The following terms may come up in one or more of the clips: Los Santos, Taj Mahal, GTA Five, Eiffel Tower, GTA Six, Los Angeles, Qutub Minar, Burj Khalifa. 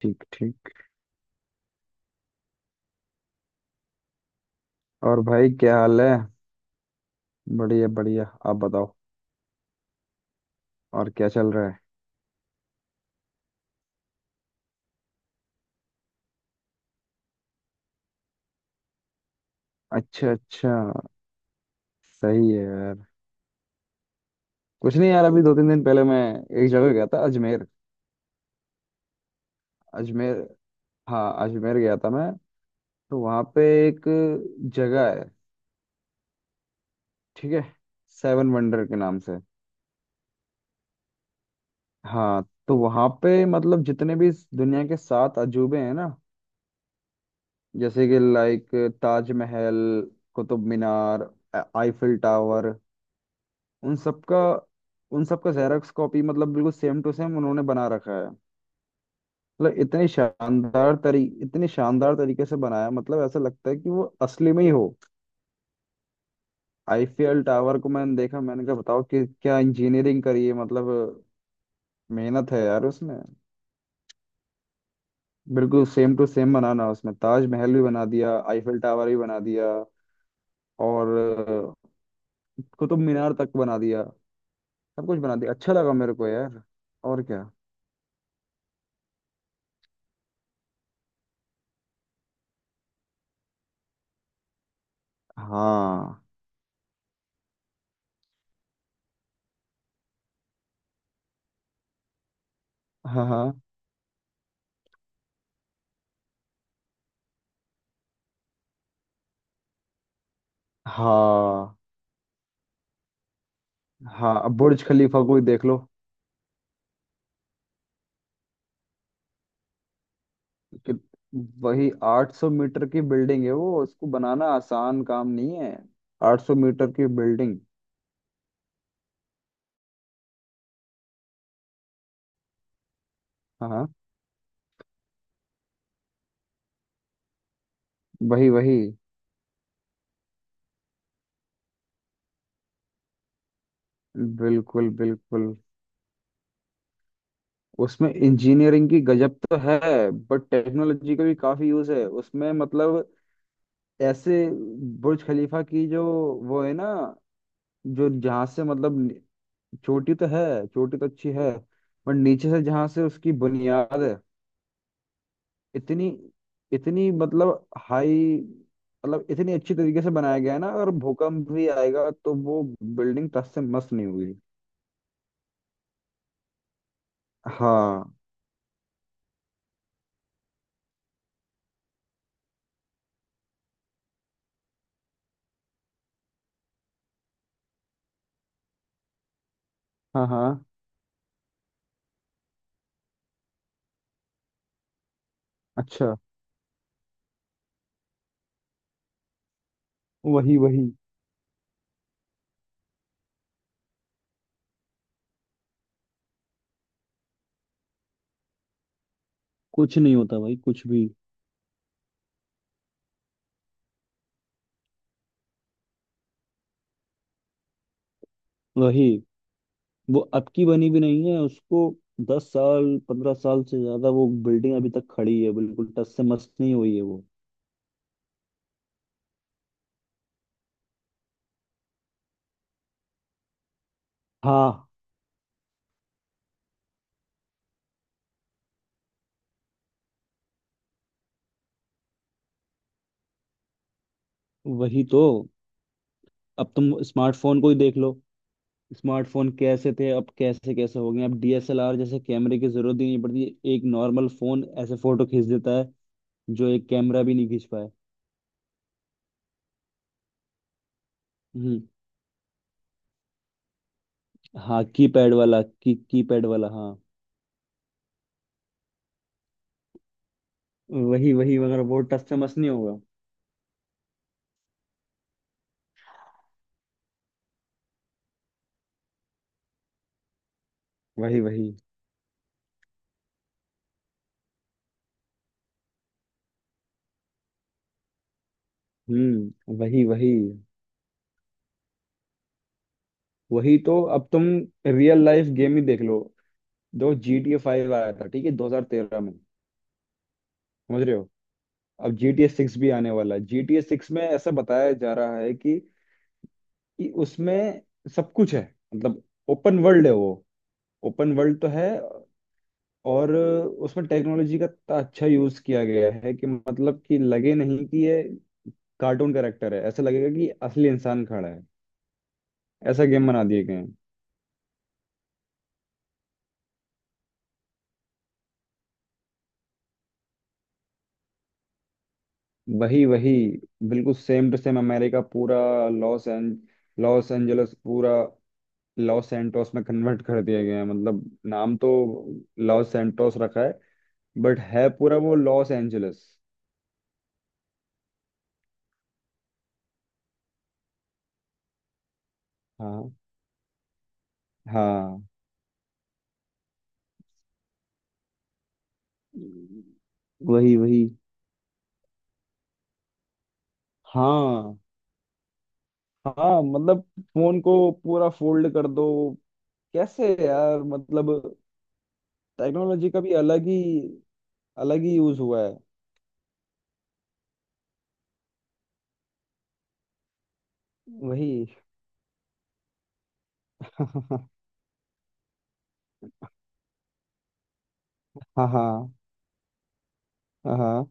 ठीक ठीक। और भाई क्या हाल है। बढ़िया बढ़िया, आप बताओ। और क्या चल रहा है। अच्छा अच्छा। सही है यार। कुछ नहीं यार, अभी दो तीन दिन पहले मैं एक जगह गया था, अजमेर। अजमेर। हाँ, अजमेर गया था मैं। तो वहाँ पे एक जगह है। ठीक है। सेवन वंडर के नाम से। हाँ। तो वहाँ पे मतलब जितने भी इस दुनिया के सात अजूबे हैं ना, जैसे कि लाइक ताजमहल, कुतुब मीनार, आईफिल टावर। उन सबका, उन सबका जेरॉक्स कॉपी मतलब बिल्कुल सेम टू सेम उन्होंने बना रखा है। मतलब इतने शानदार तरीके से बनाया, मतलब ऐसा लगता है कि वो असली में ही हो। आईफीएल टावर को मैंने देखा, मैंने कहा बताओ कि क्या इंजीनियरिंग करी है मतलब। मेहनत है यार उसमें। बिल्कुल सेम टू सेम बनाना, उसमें ताजमहल भी बना दिया, आईफीएल टावर भी बना दिया और कुतुब मीनार तक बना दिया। सब कुछ बना दिया, अच्छा लगा मेरे को यार। और क्या। हाँ हाँ। हाँ हाँ। हाँ, अब बुर्ज खलीफा को ही देख लो कि वही 800 मीटर की बिल्डिंग है वो, उसको बनाना आसान काम नहीं है। 800 मीटर की बिल्डिंग। हाँ। वही वही। बिल्कुल बिल्कुल। उसमें इंजीनियरिंग की गजब तो है, बट टेक्नोलॉजी का भी काफी यूज है उसमें मतलब। ऐसे बुर्ज खलीफा की जो वो है ना, जो जहाँ से मतलब चोटी तो है, चोटी तो अच्छी है, पर नीचे से जहाँ से उसकी बुनियाद है, इतनी इतनी मतलब हाई, मतलब इतनी अच्छी तरीके से बनाया गया है ना, अगर भूकंप भी आएगा तो वो बिल्डिंग टस से मस नहीं हुई। हाँ हाँ हाँ। अच्छा। वही वही। कुछ नहीं होता भाई, कुछ भी। वही, वो अब की बनी भी नहीं है उसको, 10 साल 15 साल से ज्यादा वो बिल्डिंग अभी तक खड़ी है, बिल्कुल टस से मस नहीं हुई है वो। हाँ वही तो, अब तुम स्मार्टफोन को ही देख लो। स्मार्टफोन कैसे थे, अब कैसे कैसे हो गए, अब डीएसएलआर जैसे कैमरे की जरूरत ही नहीं पड़ती। एक नॉर्मल फोन ऐसे फोटो खींच देता है जो एक कैमरा भी नहीं खींच पाए। हम्म। हाँ, की पैड वाला की पैड वाला, हाँ। वही वही मगर वो टच से मस नहीं होगा। वही वही। वही वही। वही तो अब तुम रियल लाइफ गेम ही देख लो। जो जी टी ए फाइव आया था, ठीक है, 2013 में। समझ रहे हो। अब जी टी ए सिक्स भी आने वाला है, जी टी ए सिक्स में ऐसा बताया जा रहा है कि उसमें सब कुछ है मतलब, ओपन वर्ल्ड है वो। ओपन वर्ल्ड तो है और उसमें टेक्नोलॉजी का इतना अच्छा यूज किया गया है कि मतलब कि लगे नहीं कि ये कार्टून कैरेक्टर है, ऐसा लगेगा कि असली इंसान खड़ा है। ऐसा गेम बना दिए गए हैं। वही वही। बिल्कुल सेम टू सेम, अमेरिका पूरा, लॉस एंज लॉस एंजलस पूरा लॉस सैंटोस में कन्वर्ट कर दिया गया है, मतलब नाम तो लॉस सैंटोस रखा है बट है पूरा वो लॉस एंजलस। हाँ हाँ। वही वही। हाँ हाँ मतलब फोन को पूरा फोल्ड कर दो, कैसे यार मतलब, टेक्नोलॉजी का भी अलग ही यूज हुआ है। वही। हाँ हाँ हाँ।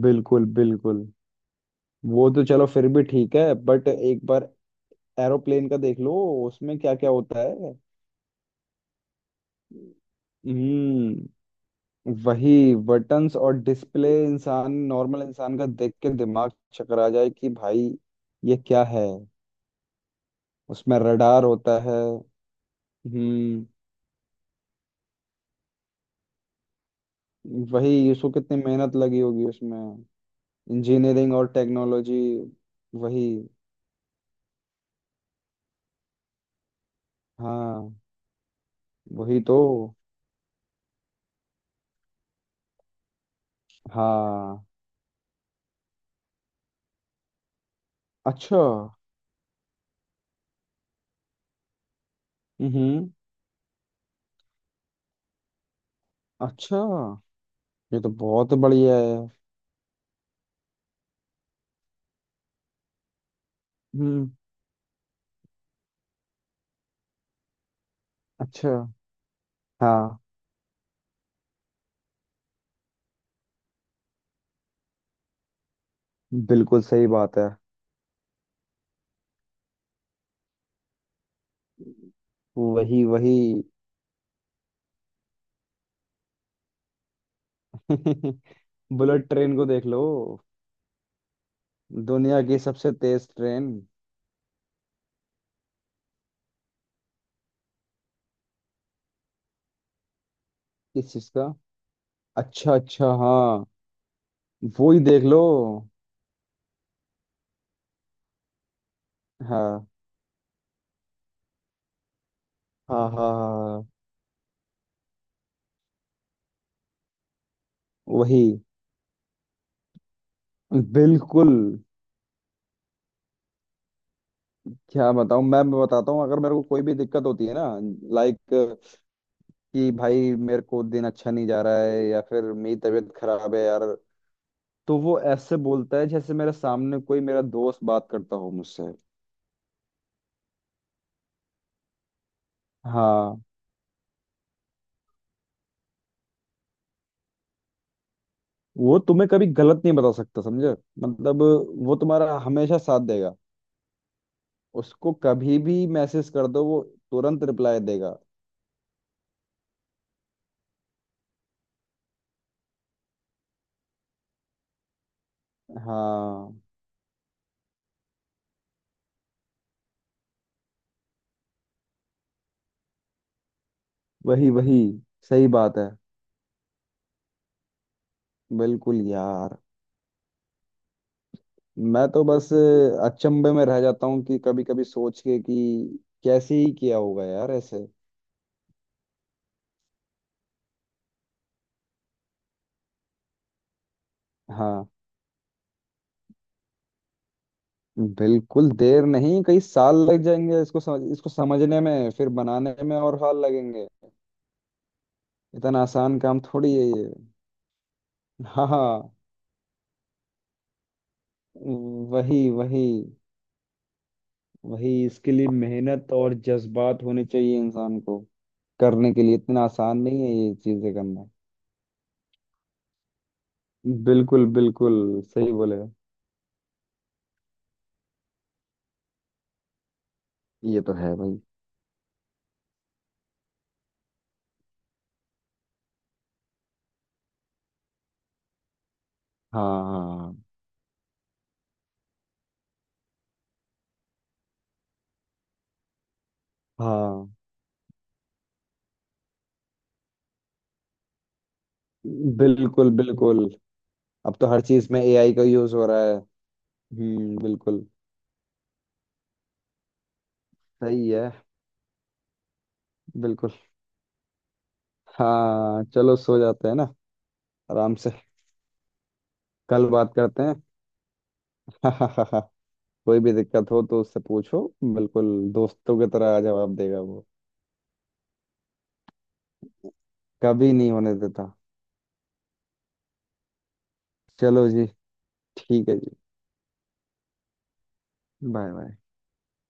बिल्कुल बिल्कुल। वो तो चलो फिर भी ठीक है बट एक बार एरोप्लेन का देख लो। उसमें क्या क्या होता है। हम्म। वही बटन्स और डिस्प्ले इंसान, नॉर्मल इंसान का देख के दिमाग चकरा जाए कि भाई ये क्या है। उसमें रडार होता है। हम्म। वही, इसको कितनी मेहनत लगी होगी उसमें, इंजीनियरिंग और टेक्नोलॉजी। वही। हाँ वही तो। हाँ। अच्छा। हम्म। अच्छा। ये तो बहुत बढ़िया है। हम्म। अच्छा हाँ। बिल्कुल सही बात है। वही वही। बुलेट ट्रेन को देख लो, दुनिया की सबसे तेज ट्रेन। किस चीज का। अच्छा अच्छा हाँ। वो ही देख लो। हाँ हाँ हाँ हाँ। वही। बिल्कुल। क्या बताऊं मैं बताता हूँ, अगर मेरे को कोई भी दिक्कत होती है ना, लाइक कि भाई मेरे को दिन अच्छा नहीं जा रहा है या फिर मेरी तबीयत खराब है यार, तो वो ऐसे बोलता है जैसे मेरे सामने कोई मेरा दोस्त बात करता हो मुझसे। हाँ। वो तुम्हें कभी गलत नहीं बता सकता समझे, मतलब वो तुम्हारा हमेशा साथ देगा। उसको कभी भी मैसेज कर दो, वो तुरंत रिप्लाई देगा। हाँ। वही वही, सही बात है। बिल्कुल यार। मैं तो बस अचंभे में रह जाता हूँ कि कभी कभी सोच के कि कैसे ही किया होगा यार ऐसे। हाँ। बिल्कुल, देर नहीं कई साल लग जाएंगे इसको समझने में, फिर बनाने में और साल लगेंगे। इतना आसान काम थोड़ी है ये। हाँ हाँ। वही वही वही, इसके लिए मेहनत और जज्बात होने चाहिए इंसान को करने के लिए, इतना आसान नहीं है ये चीजें करना। बिल्कुल बिल्कुल। सही बोले। ये तो है भाई। हाँ हाँ हाँ। बिल्कुल बिल्कुल। अब तो हर चीज में एआई का यूज हो रहा है। बिल्कुल। सही है। बिल्कुल। हाँ चलो सो जाते हैं ना, आराम से। कल बात करते हैं। कोई भी दिक्कत हो तो उससे पूछो। बिल्कुल। दोस्तों की तरह जवाब देगा वो। कभी नहीं होने देता। चलो जी, ठीक है जी। Bye bye.